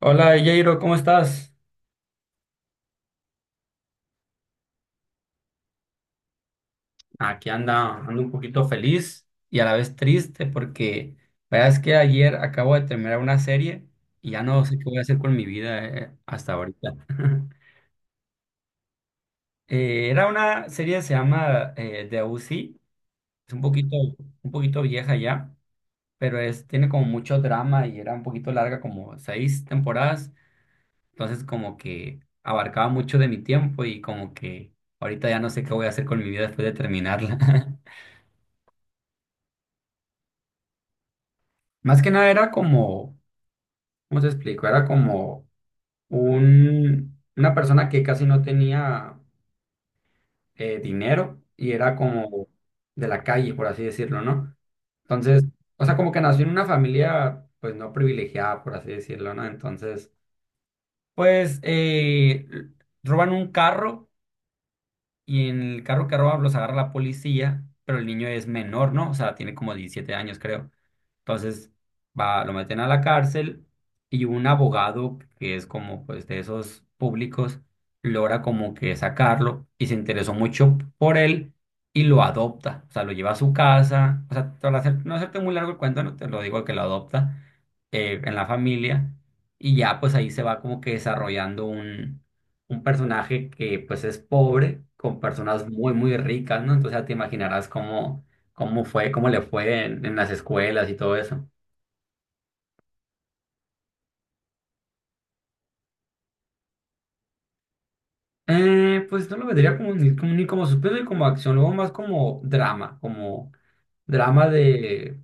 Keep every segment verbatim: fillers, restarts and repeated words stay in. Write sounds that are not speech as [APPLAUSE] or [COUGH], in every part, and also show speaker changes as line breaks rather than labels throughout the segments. Hola, Jairo, ¿cómo estás? Aquí anda, ando un poquito feliz y a la vez triste porque la verdad es que ayer acabo de terminar una serie y ya no sé qué voy a hacer con mi vida eh, hasta ahorita. [LAUGHS] Eh, era una serie que se llama eh, The O C, es un poquito, un poquito vieja ya, pero es, tiene como mucho drama y era un poquito larga, como seis temporadas, entonces como que abarcaba mucho de mi tiempo y como que ahorita ya no sé qué voy a hacer con mi vida después de terminarla. [LAUGHS] Más que nada era como, ¿cómo te explico? Era como un, una persona que casi no tenía eh, dinero y era como de la calle, por así decirlo, ¿no? Entonces, o sea, como que nació en una familia, pues no privilegiada, por así decirlo, ¿no? Entonces, pues eh, l- roban un carro y en el carro que roban los agarra la policía, pero el niño es menor, ¿no? O sea, tiene como diecisiete años, creo. Entonces va, lo meten a la cárcel y un abogado que es como pues de esos públicos logra como que sacarlo y se interesó mucho por él y lo adopta, o sea, lo lleva a su casa, o sea, para hacer- no hacerte muy largo el cuento, no te lo digo que lo adopta eh, en la familia y ya pues ahí se va como que desarrollando un, un personaje que pues es pobre con personas muy muy ricas, ¿no? Entonces ya te imaginarás cómo. ¿Cómo fue? ¿Cómo le fue en, en las escuelas y todo eso? Eh, pues no lo vendría como ni como, ni como suspenso ni como acción, luego más como drama, como drama de,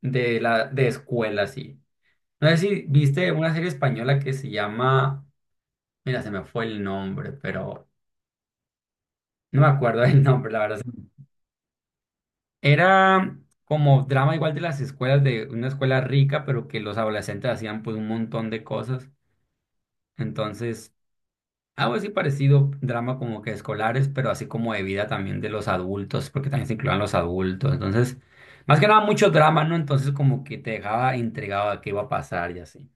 de, la, de escuela, sí. No sé si viste una serie española que se llama, mira, se me fue el nombre, pero no me acuerdo el [LAUGHS] nombre, la verdad. Era como drama igual de las escuelas, de una escuela rica, pero que los adolescentes hacían pues un montón de cosas. Entonces algo así parecido, drama como que escolares, pero así como de vida también de los adultos, porque también se incluían los adultos. Entonces, más que nada mucho drama, ¿no? Entonces como que te dejaba intrigado a qué iba a pasar y así.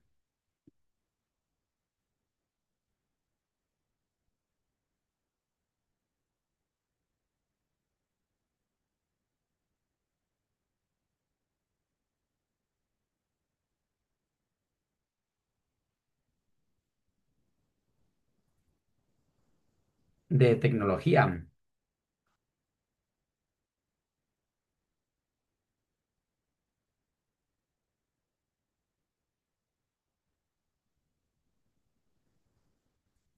De tecnología,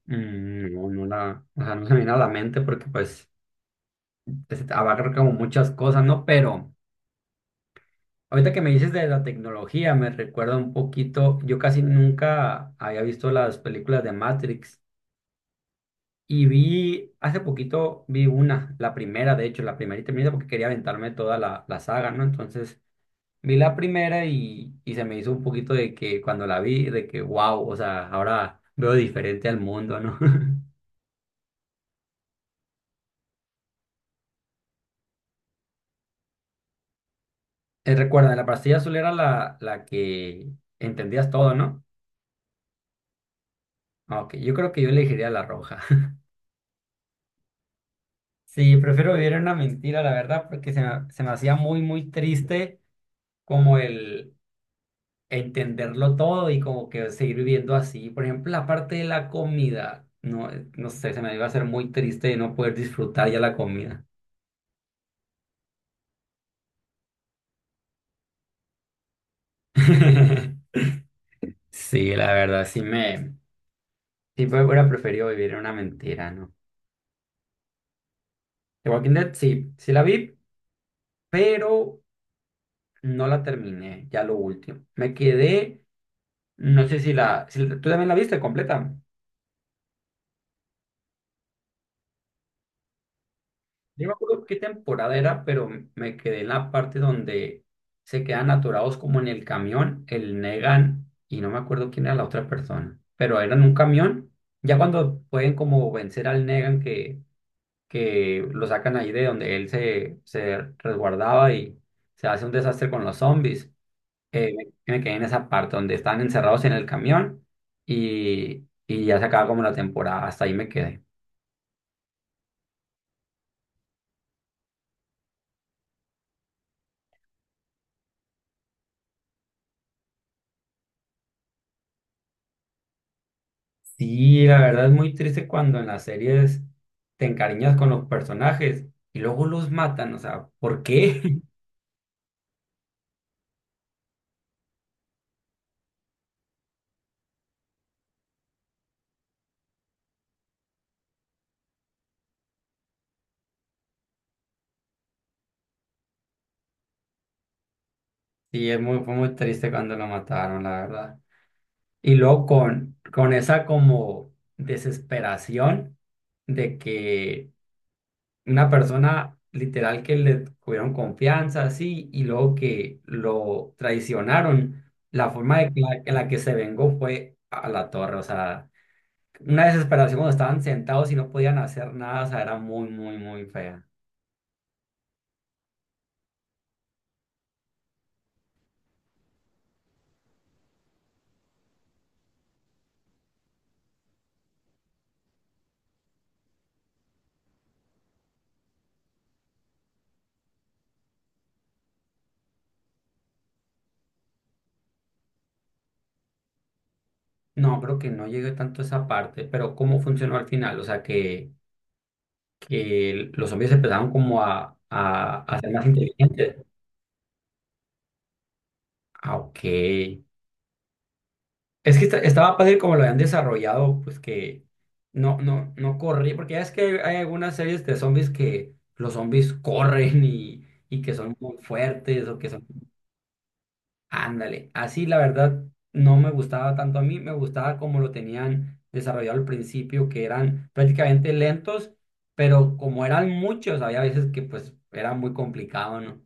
mm, no, no la, o sea, no se me viene a la mente porque pues es- abarca como muchas cosas, ¿no? Pero ahorita que me dices de la tecnología, me recuerda un poquito, yo casi nunca había visto las películas de Matrix. Y vi, hace poquito vi una, la primera, de hecho, la primerita, primerita, porque quería aventarme toda la, la saga, ¿no? Entonces vi la primera y, y se me hizo un poquito de que cuando la vi, de que wow, o sea, ahora veo diferente al mundo, ¿no? [LAUGHS] Eh, recuerda, la pastilla azul era la, la que entendías todo, ¿no? Ah, ok, yo creo que yo elegiría la roja. [LAUGHS] Sí, prefiero vivir en una mentira, la verdad, porque se me, se me hacía muy, muy triste como el, entenderlo todo y como que seguir viviendo así. Por ejemplo, la parte de la comida, no, eh, no sé, se me iba a hacer muy triste de no poder disfrutar ya la comida. [LAUGHS] Sí, la verdad, sí me, sí me hubiera preferido vivir en una mentira, ¿no? The Walking Dead, sí, sí la vi, pero no la terminé, ya lo último. Me quedé, no sé si la, si la- tú también la viste completa. Yo me acuerdo qué temporada era, pero me quedé en la parte donde se quedan atorados como en el camión, el Negan, y no me acuerdo quién era la otra persona, pero eran un camión, ya cuando pueden como vencer al Negan que, que lo sacan ahí de donde él se, se resguardaba y se hace un desastre con los zombies, eh, me, me quedé en esa parte donde están encerrados en el camión y, y ya se acaba como la temporada, hasta ahí me quedé. Sí, la verdad es muy triste cuando en las series te encariñas con los personajes y luego los matan, o sea, ¿por qué? [LAUGHS] Sí, es muy, fue muy triste cuando lo mataron, la verdad. Y luego con, con esa como desesperación de que una persona literal que le tuvieron confianza, así, y luego que lo traicionaron, la forma de que la, en la que se vengó fue a la torre, o sea. Una desesperación cuando estaban sentados y no podían hacer nada, o sea, era muy, muy, muy fea. No, creo que no llegué tanto a esa parte, pero ¿cómo funcionó al final? O sea, que, que los zombies empezaron como a, a, a ser más inteligentes. Ah, ok. Es que esta- estaba padre como lo habían desarrollado, pues que no, no, no corrí, porque ya es que hay, hay algunas series de zombies que los zombies corren y, y que son muy fuertes o que son. Ándale, así la verdad no me gustaba tanto a mí, me gustaba como lo tenían desarrollado al principio, que eran prácticamente lentos, pero como eran muchos, había veces que pues era muy complicado, ¿no?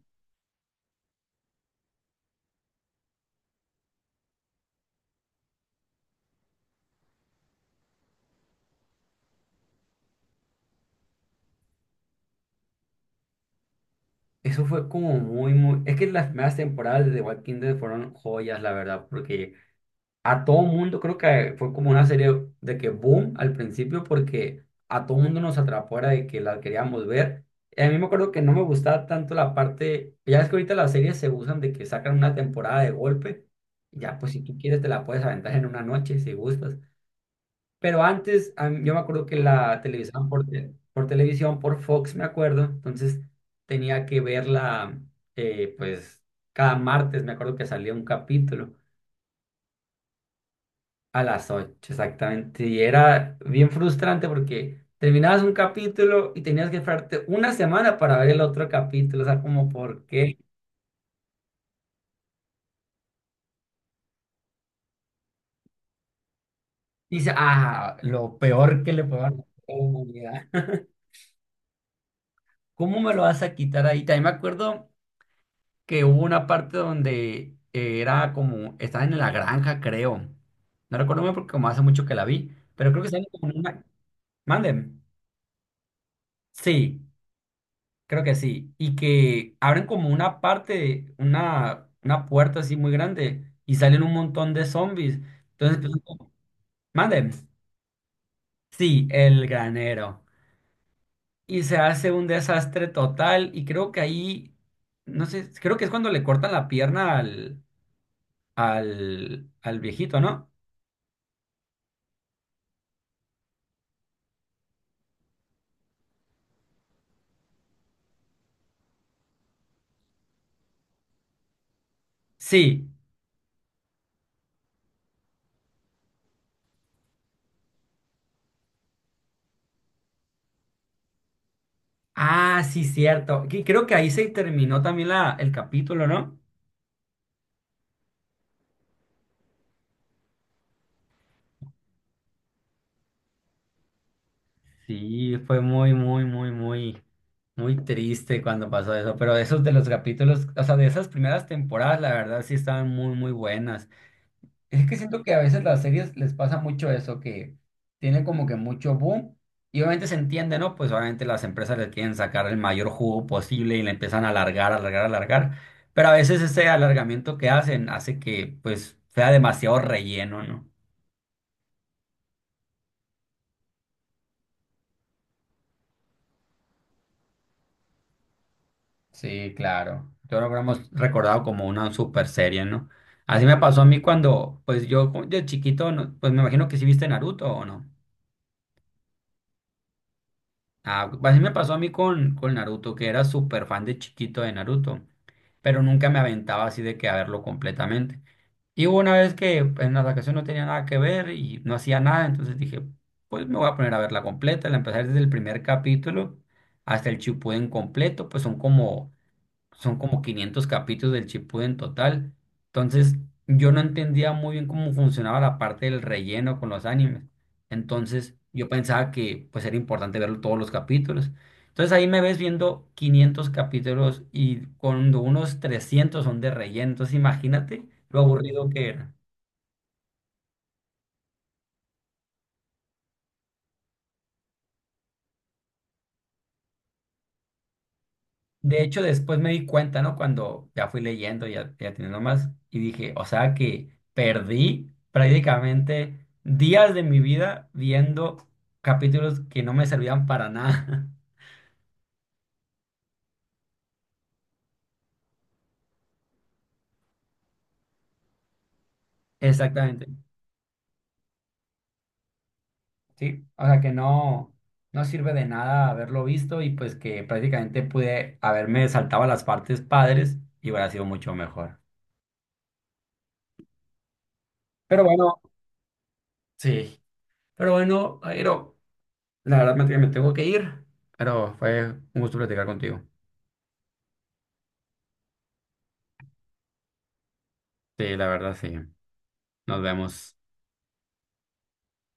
Eso fue como muy, muy... Es que las primeras temporadas de The Walking Dead fueron joyas, la verdad, porque a todo mundo, creo que fue como una serie de que boom al principio porque a todo mundo nos atrapó era de que la queríamos ver. Y a mí me acuerdo que no me gustaba tanto la parte, ya es que ahorita las series se usan de que sacan una temporada de golpe, ya pues si tú quieres te la puedes aventar en una noche si gustas. Pero antes a mí- yo me acuerdo que la televisaban por, te- por televisión, por Fox, me acuerdo, entonces tenía que verla eh, pues cada martes, me acuerdo que salía un capítulo. A las ocho exactamente. Y era bien frustrante porque terminabas un capítulo y tenías que esperarte una semana para ver el otro capítulo. O sea, como por qué. Dice, ah, lo peor que le puedo dar a la humanidad. [LAUGHS] ¿Cómo me lo vas a quitar ahí? También me acuerdo que hubo una parte donde eh, era como, estaba en la granja, creo. No recuerdo muy bien porque como hace mucho que la vi, pero creo que estaba como en una... Manden. Sí. Creo que sí. Y que abren como una parte, una, una puerta así muy grande y salen un montón de zombies. Entonces, mm, empiezan como, mande, sí, el granero. Y se hace un desastre total. Y creo que ahí, no sé, creo que es cuando le cortan la pierna al, al, al viejito, ¿no? Sí. Ah, sí, cierto. Que creo que ahí se terminó también la, el capítulo, ¿no? Sí, fue muy, muy, muy, muy, muy triste cuando pasó eso, pero esos de los capítulos, o sea, de esas primeras temporadas, la verdad sí estaban muy, muy buenas. Es que siento que a veces las series les pasa mucho eso, que tienen como que mucho boom y obviamente se entiende, ¿no? Pues obviamente las empresas le quieren sacar el mayor jugo posible y le empiezan a alargar, alargar, alargar, pero a veces ese alargamiento que hacen hace que pues sea demasiado relleno, ¿no? Sí, claro. Yo lo hemos recordado como una super serie, ¿no? Así me pasó a mí cuando, pues yo cu- de chiquito, no- pues me imagino que sí viste Naruto o no. Ah, pues, así me pasó a mí con, con Naruto, que era súper fan de chiquito de Naruto, pero nunca me aventaba así de que a verlo completamente. Y hubo una vez que en la vacación no tenía nada que ver y no hacía nada, entonces dije, pues me voy a poner a verla completa. La empecé desde el primer capítulo hasta el Shippuden completo, pues son como son como quinientos capítulos del Shippuden en total. Entonces, yo no entendía muy bien cómo funcionaba la parte del relleno con los animes. Entonces, yo pensaba que pues era importante verlo todos los capítulos. Entonces, ahí me ves viendo quinientos capítulos y cuando unos trescientos son de relleno. Entonces, imagínate lo aburrido que era. De hecho, después me di cuenta, ¿no? Cuando ya fui leyendo, ya, ya teniendo más, y dije, o sea que perdí prácticamente días de mi vida viendo capítulos que no me servían para nada. [LAUGHS] Exactamente, sí. O sea que no, no sirve de nada haberlo visto y pues que prácticamente pude haberme saltado las partes padres y hubiera sido mucho mejor. Pero bueno, sí. Pero bueno, Airo, la verdad me me tengo que ir, pero fue un gusto platicar contigo. Sí, la verdad, sí. Nos vemos.